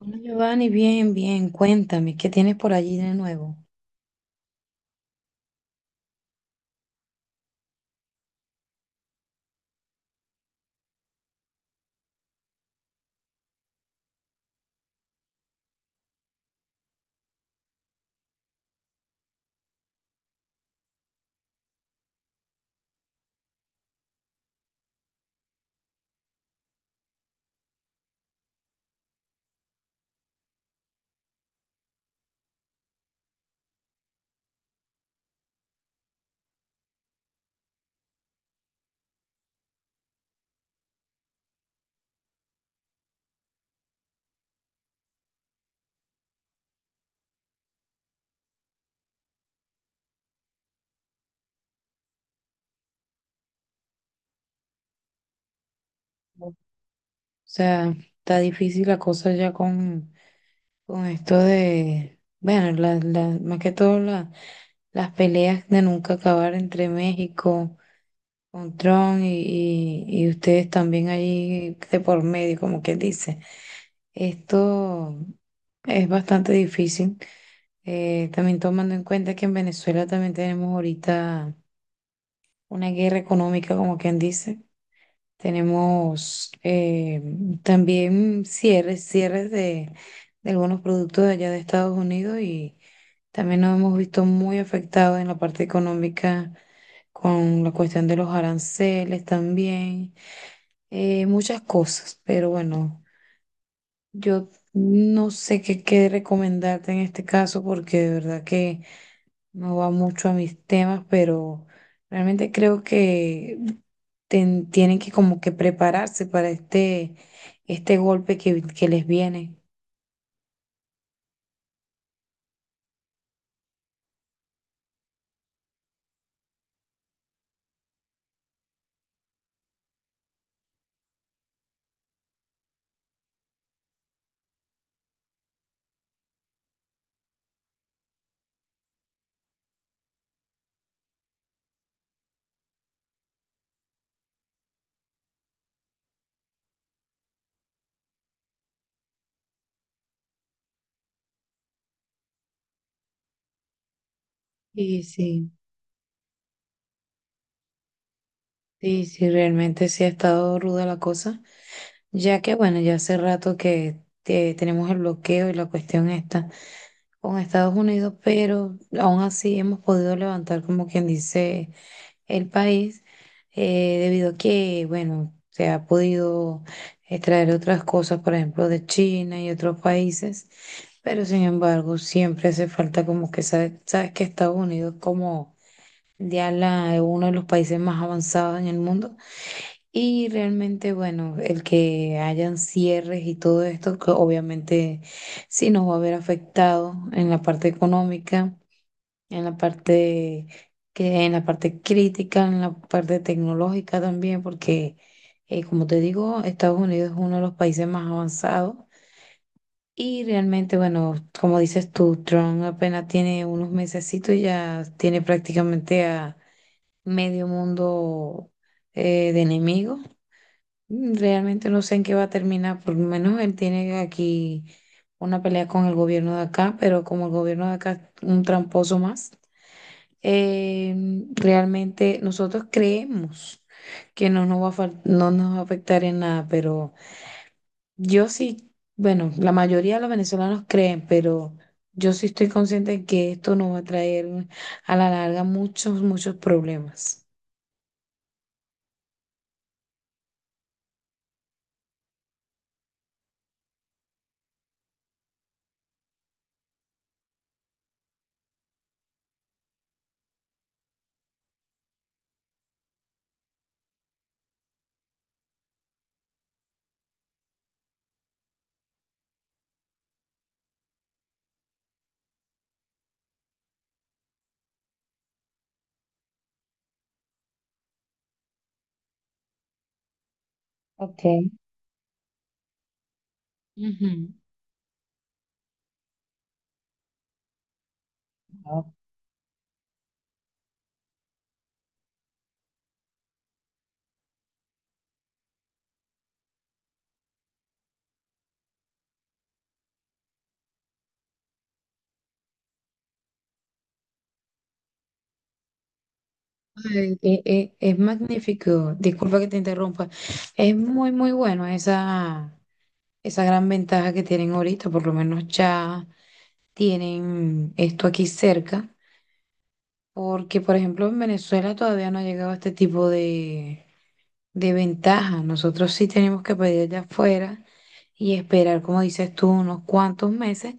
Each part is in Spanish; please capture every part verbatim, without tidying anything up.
Bueno, Giovanni, bien, bien, cuéntame, ¿qué tienes por allí de nuevo? O sea, está difícil la cosa ya con, con esto de, bueno, la- la- más que todo la- las peleas de nunca acabar entre México, con Trump y, y, y ustedes también allí de por medio, como quien dice. Esto es bastante difícil, eh, también tomando en cuenta que en Venezuela también tenemos ahorita una guerra económica, como quien dice. Tenemos eh, también cierres, cierres de, de algunos productos de allá de Estados Unidos, y también nos hemos visto muy afectados en la parte económica con la cuestión de los aranceles también, eh, muchas cosas, pero bueno. Yo no sé qué, qué recomendarte en este caso, porque de verdad que no va mucho a mis temas, pero realmente creo que ten- tienen que como que prepararse para este, este golpe que, que les viene. Y sí, sí, sí, realmente sí ha estado ruda la cosa, ya que bueno, ya hace rato que eh, tenemos el bloqueo y la cuestión está con Estados Unidos, pero aún así hemos podido levantar, como quien dice, el país, eh, debido a que, bueno, se ha podido extraer otras cosas, por ejemplo, de China y otros países. Pero sin embargo, siempre hace falta como que, sabe- sabes que Estados Unidos, como ya la, uno de los países más avanzados en el mundo, y realmente, bueno, el que hayan cierres y todo esto, que obviamente sí nos va a haber afectado en la parte económica, en la parte, que en la parte crítica, en la parte tecnológica también, porque eh, como te digo, Estados Unidos es uno de los países más avanzados. Y realmente, bueno, como dices tú, Trump apenas tiene unos mesecitos y ya tiene prácticamente a medio mundo eh, de enemigos. Mm. Realmente no sé en qué va a terminar. Por lo menos él tiene aquí una pelea con el gobierno de acá, pero como el gobierno de acá es un tramposo más, eh, realmente nosotros creemos que no nos va a fal- no nos va a afectar en nada. Pero yo sí, bueno, la mayoría de los venezolanos creen, pero yo sí estoy consciente de que esto nos va a traer a la larga muchos, muchos problemas. Ok. Ujú. Wow. Ay, e- e- es magnífico, disculpa que te interrumpa, es muy muy bueno esa, esa gran ventaja que tienen ahorita, por lo menos ya tienen esto aquí cerca, porque por ejemplo en Venezuela todavía no ha llegado este tipo de, de ventaja. Nosotros sí tenemos que pedir de afuera y esperar, como dices tú, unos cuantos meses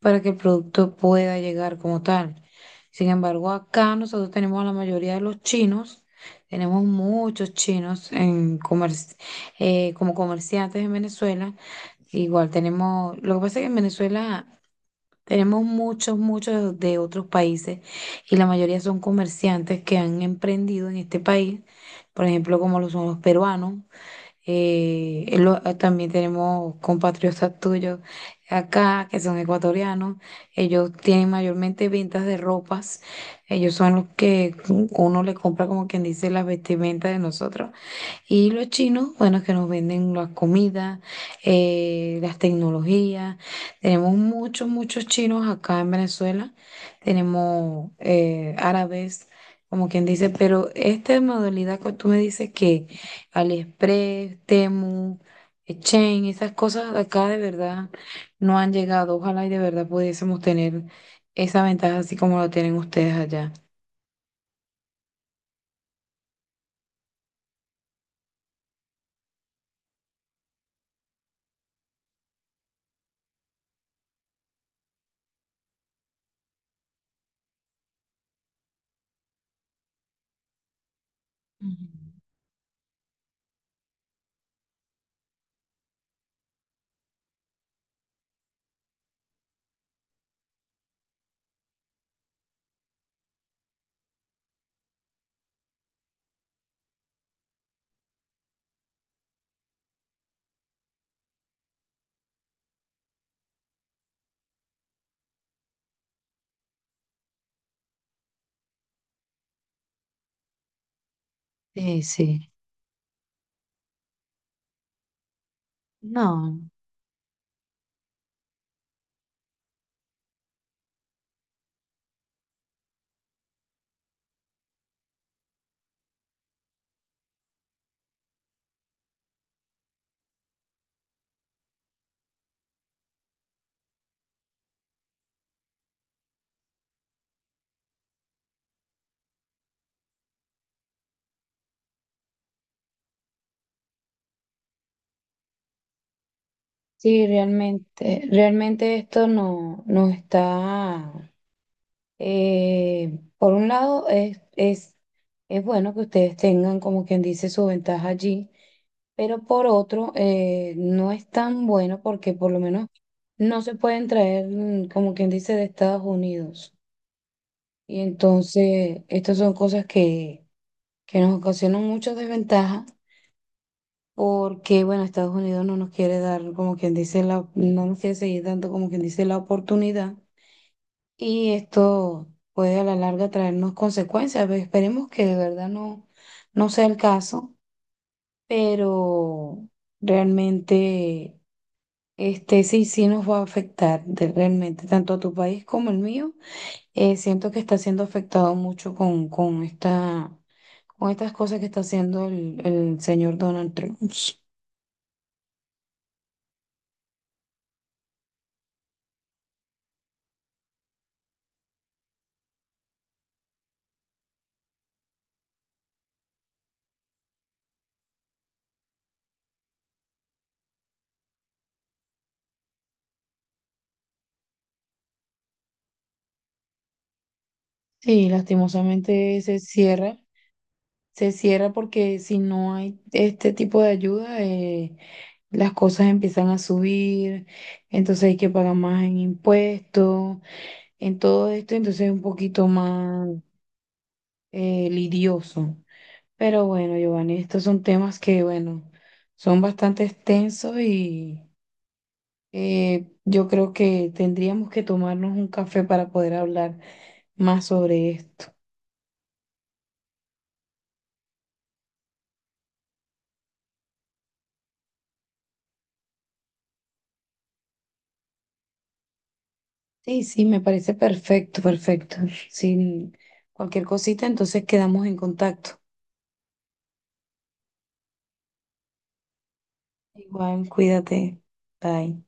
para que el producto pueda llegar como tal. Sin embargo, acá nosotros tenemos a la mayoría de los chinos, tenemos muchos chinos en comerci- eh, como comerciantes en Venezuela. Igual tenemos, lo que pasa es que en Venezuela tenemos muchos, muchos de otros países, y la mayoría son comerciantes que han emprendido en este país, por ejemplo, como lo son los peruanos, eh, eh, lo- eh, también tenemos compatriotas tuyos acá que son ecuatorianos. Ellos tienen mayormente ventas de ropas. Ellos son los que uno le compra, como quien dice, las vestimentas de nosotros. Y los chinos, bueno, que nos venden las comidas, eh, las tecnologías. Tenemos muchos, muchos chinos acá en Venezuela. Tenemos eh, árabes, como quien dice. Pero esta modalidad que tú me dices, que AliExpress, Temu, Chain, esas cosas de acá, de verdad no han llegado. Ojalá y de verdad pudiésemos tener esa ventaja así como la tienen ustedes allá. Ujú. Sí, sí. No. Sí, realmente, realmente esto no, no está. Eh, por un lado, es, es, es bueno que ustedes tengan, como quien dice, su ventaja allí, pero por otro, eh, no es tan bueno porque por lo menos no se pueden traer, mm, como quien dice, de Estados Unidos. Y entonces, estas son cosas que, que nos ocasionan muchas desventajas, porque, bueno, Estados Unidos no nos quiere dar, como quien dice, la, no nos quiere seguir dando, como quien dice, la oportunidad. Y esto puede a la larga traernos consecuencias. Ve, esperemos que de verdad no, no sea el caso, pero realmente este sí, sí nos va a afectar de- realmente tanto a tu país como el mío. Eh, siento que está siendo afectado mucho con, con esta, con estas cosas que está haciendo el, el señor Donald Trump. Sí, lastimosamente se cierra, se cierra porque si no hay este tipo de ayuda, eh, las cosas empiezan a subir, entonces hay que pagar más en impuestos, en todo esto, entonces es un poquito más eh, lidioso. Pero bueno, Giovanni, estos son temas que, bueno, son bastante extensos y eh, yo creo que tendríamos que tomarnos un café para poder hablar más sobre esto. Sí, sí, me parece perfecto, perfecto. Sin cualquier cosita, entonces quedamos en contacto. Igual, cuídate. Bye.